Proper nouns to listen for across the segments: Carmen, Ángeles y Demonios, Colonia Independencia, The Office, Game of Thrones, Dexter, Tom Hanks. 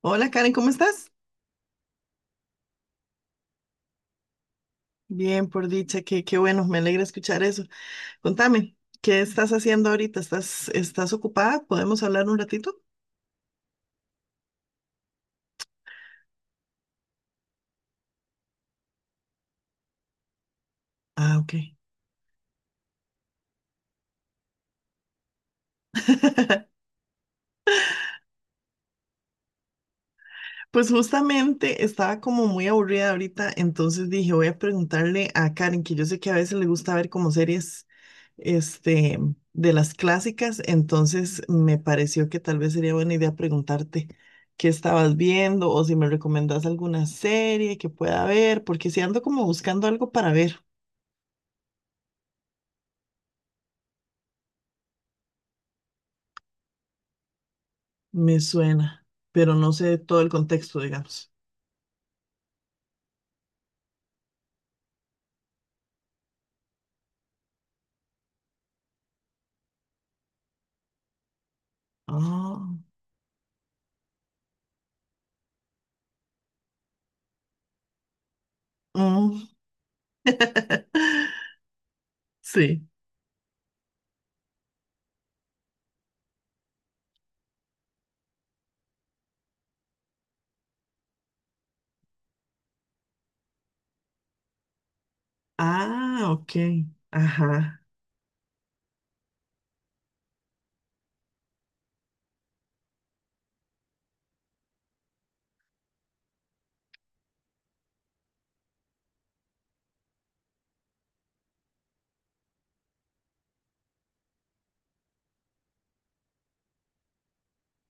Hola Karen, ¿cómo estás? Bien, por dicha, qué bueno, me alegra escuchar eso. Contame, ¿qué estás haciendo ahorita? ¿Estás ocupada? ¿Podemos hablar un ratito? Ah, ok. Pues justamente estaba como muy aburrida ahorita, entonces dije, voy a preguntarle a Karen, que yo sé que a veces le gusta ver como series este, de las clásicas, entonces me pareció que tal vez sería buena idea preguntarte qué estabas viendo o si me recomendás alguna serie que pueda ver, porque si ando como buscando algo para ver, me suena, pero no sé todo el contexto, digamos. Ah, mm, sí. Ah, ok. Ajá.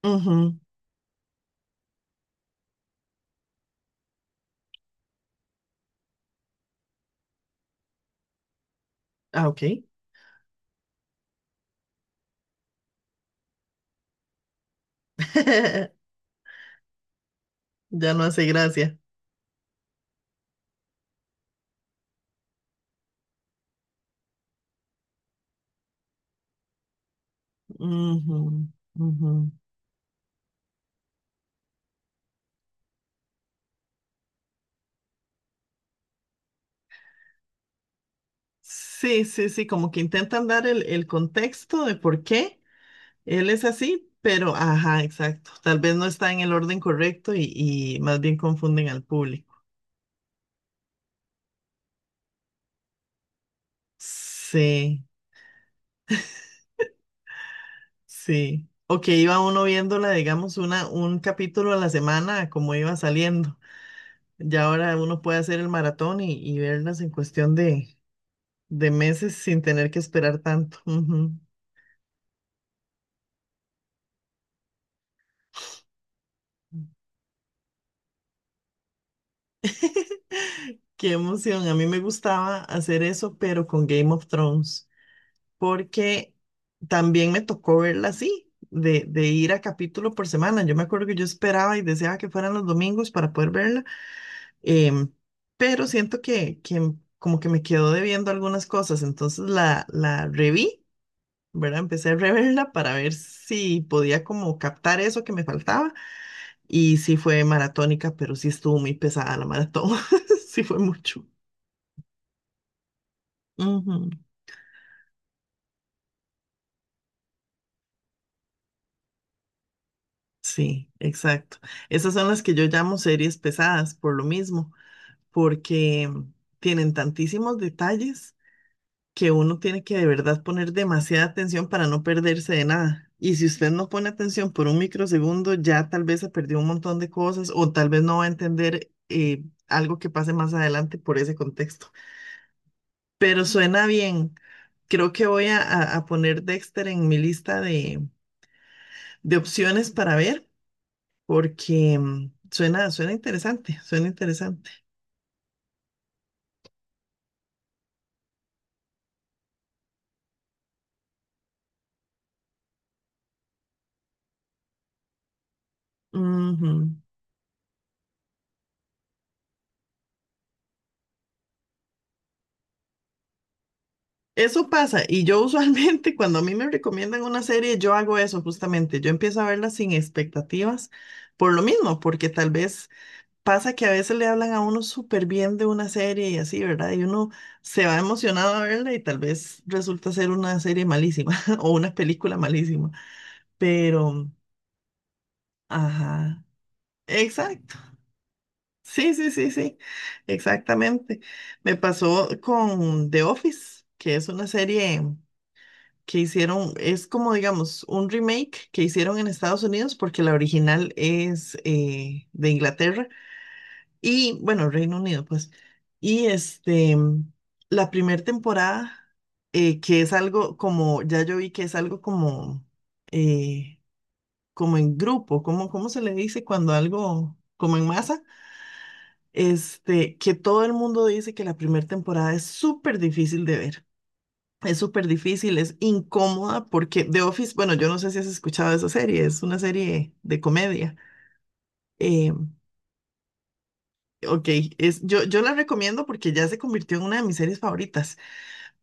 Ujú. Ah, ok. Ya no hace gracia. Ujú, ujú. Sí, sí, sí, como que intentan dar el contexto de por qué él es así, pero ajá, exacto. Tal vez no está en el orden correcto y más bien confunden al público. Sí, sí. O que iba uno viéndola, digamos, un capítulo a la semana, como iba saliendo. Ya ahora uno puede hacer el maratón y verlas en cuestión de meses sin tener que esperar tanto. Ujú. Qué emoción. A mí me gustaba hacer eso, pero con Game of Thrones, porque también me tocó verla así, de ir a capítulo por semana. Yo me acuerdo que yo esperaba y deseaba que fueran los domingos para poder verla, em, pero siento que como que me quedó debiendo algunas cosas, entonces la reví, ¿verdad? Empecé a reverla para ver si podía como captar eso que me faltaba y sí fue maratónica, pero sí estuvo muy pesada la maratón, sí fue mucho. Ujú, sí, exacto. Esas son las que yo llamo series pesadas por lo mismo, porque tienen tantísimos detalles que uno tiene que de verdad poner demasiada atención para no perderse de nada. Y si usted no pone atención por un microsegundo, ya tal vez se perdió un montón de cosas o tal vez no va a entender algo que pase más adelante por ese contexto. Pero suena bien. Creo que voy a, a poner Dexter en mi lista de opciones para ver porque suena, suena interesante, suena interesante. Ujú. Eso pasa, y yo usualmente cuando a mí me recomiendan una serie, yo hago eso justamente, yo empiezo a verla sin expectativas, por lo mismo, porque tal vez pasa que a veces le hablan a uno súper bien de una serie y así, ¿verdad? Y uno se va emocionado a verla y tal vez resulta ser una serie malísima o una película malísima, pero, ajá, exacto, sí, sí, sí, sí, exactamente. Me pasó con The Office, que es una serie que hicieron, es como digamos un remake que hicieron en Estados Unidos porque la original es de Inglaterra y bueno, Reino Unido pues. Y la primera temporada, que es algo como, ya yo vi que es algo como, eh, como en grupo, como, ¿cómo se le dice cuando algo, como en masa? Este, que todo el mundo dice que la primera temporada es súper difícil de ver. Es súper difícil, es incómoda porque The Office, bueno, yo no sé si has escuchado esa serie, es una serie de comedia. Eh, ok, es, yo la recomiendo porque ya se convirtió en una de mis series favoritas,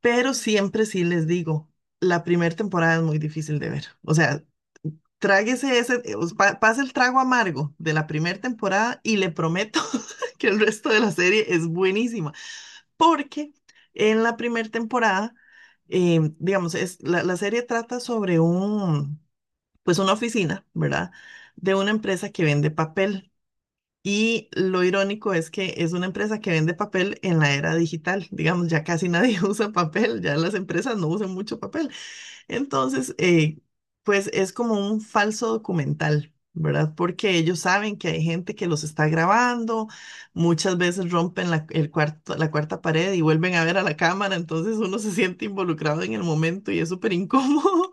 pero siempre sí les digo, la primera temporada es muy difícil de ver. O sea, tráguese ese, pase el trago amargo de la primera temporada y le prometo que el resto de la serie es buenísima, porque en la primera temporada, digamos, es, la serie trata sobre un, pues una oficina, ¿verdad? De una empresa que vende papel. Y lo irónico es que es una empresa que vende papel en la era digital. Digamos, ya casi nadie usa papel, ya las empresas no usan mucho papel. Entonces, pues es como un falso documental, ¿verdad? Porque ellos saben que hay gente que los está grabando, muchas veces rompen la, el cuarto, la cuarta pared y vuelven a ver a la cámara, entonces uno se siente involucrado en el momento y es súper incómodo.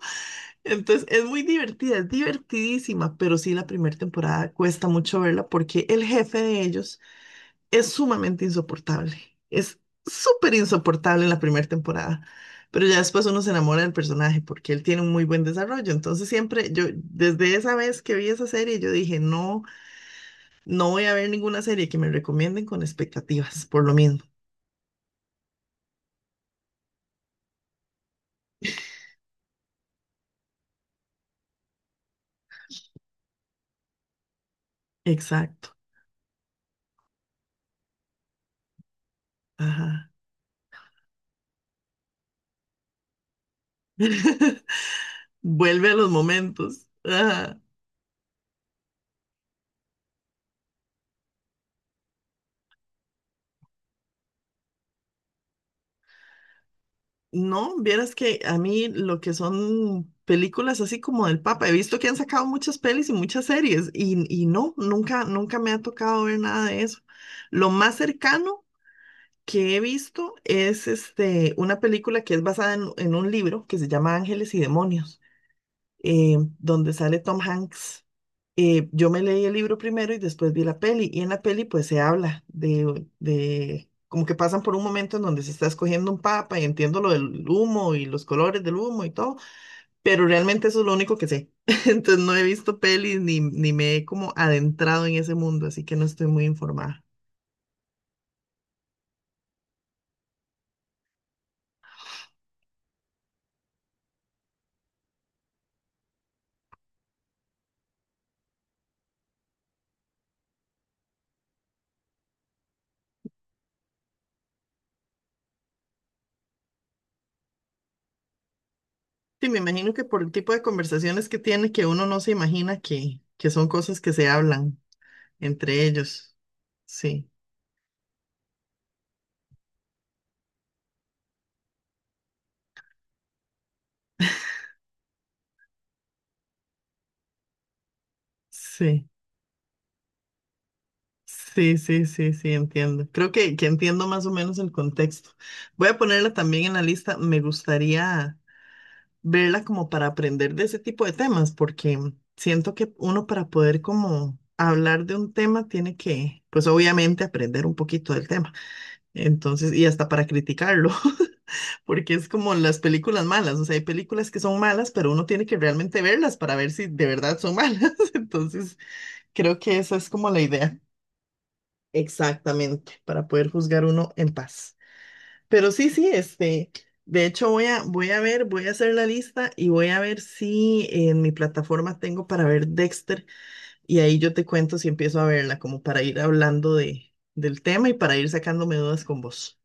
Entonces, es muy divertida, es divertidísima, pero sí la primera temporada cuesta mucho verla porque el jefe de ellos es sumamente insoportable. Es súper insoportable en la primera temporada, pero ya después uno se enamora del personaje porque él tiene un muy buen desarrollo. Entonces, siempre yo, desde esa vez que vi esa serie, yo dije, no, no voy a ver ninguna serie que me recomienden con expectativas, por lo mismo. Exacto. Ajá. Vuelve a los momentos. Ajá. No, vieras que a mí lo que son películas así como del Papa, he visto que han sacado muchas pelis y muchas series y no, nunca, nunca me ha tocado ver nada de eso. Lo más cercano que he visto es este, una película que es basada en un libro que se llama Ángeles y Demonios, donde sale Tom Hanks. Yo me leí el libro primero y después vi la peli, y en la peli pues se habla de como que pasan por un momento en donde se está escogiendo un papa y entiendo lo del humo y los colores del humo y todo, pero realmente eso es lo único que sé. Entonces no he visto pelis ni, ni me he como adentrado en ese mundo, así que no estoy muy informada. Sí, me imagino que por el tipo de conversaciones que tiene, que uno no se imagina que son cosas que se hablan entre ellos. Sí, sí. Sí, sí, sí, sí, entiendo. Creo que entiendo más o menos el contexto. Voy a ponerla también en la lista. Me gustaría verla como para aprender de ese tipo de temas, porque siento que uno para poder como hablar de un tema tiene que, pues obviamente, aprender un poquito del tema. Entonces, y hasta para criticarlo, porque es como las películas malas. O sea, hay películas que son malas, pero uno tiene que realmente verlas para ver si de verdad son malas. Entonces, creo que esa es como la idea. Exactamente, para poder juzgar uno en paz. Pero sí, sí, de hecho voy a, voy a ver, voy a hacer la lista y voy a ver si en mi plataforma tengo para ver Dexter y ahí yo te cuento si empiezo a verla, como para ir hablando de, del tema y para ir sacándome dudas con vos.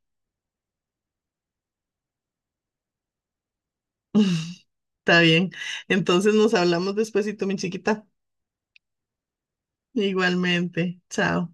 Está bien, entonces nos hablamos despuesito, mi chiquita. Igualmente, chao.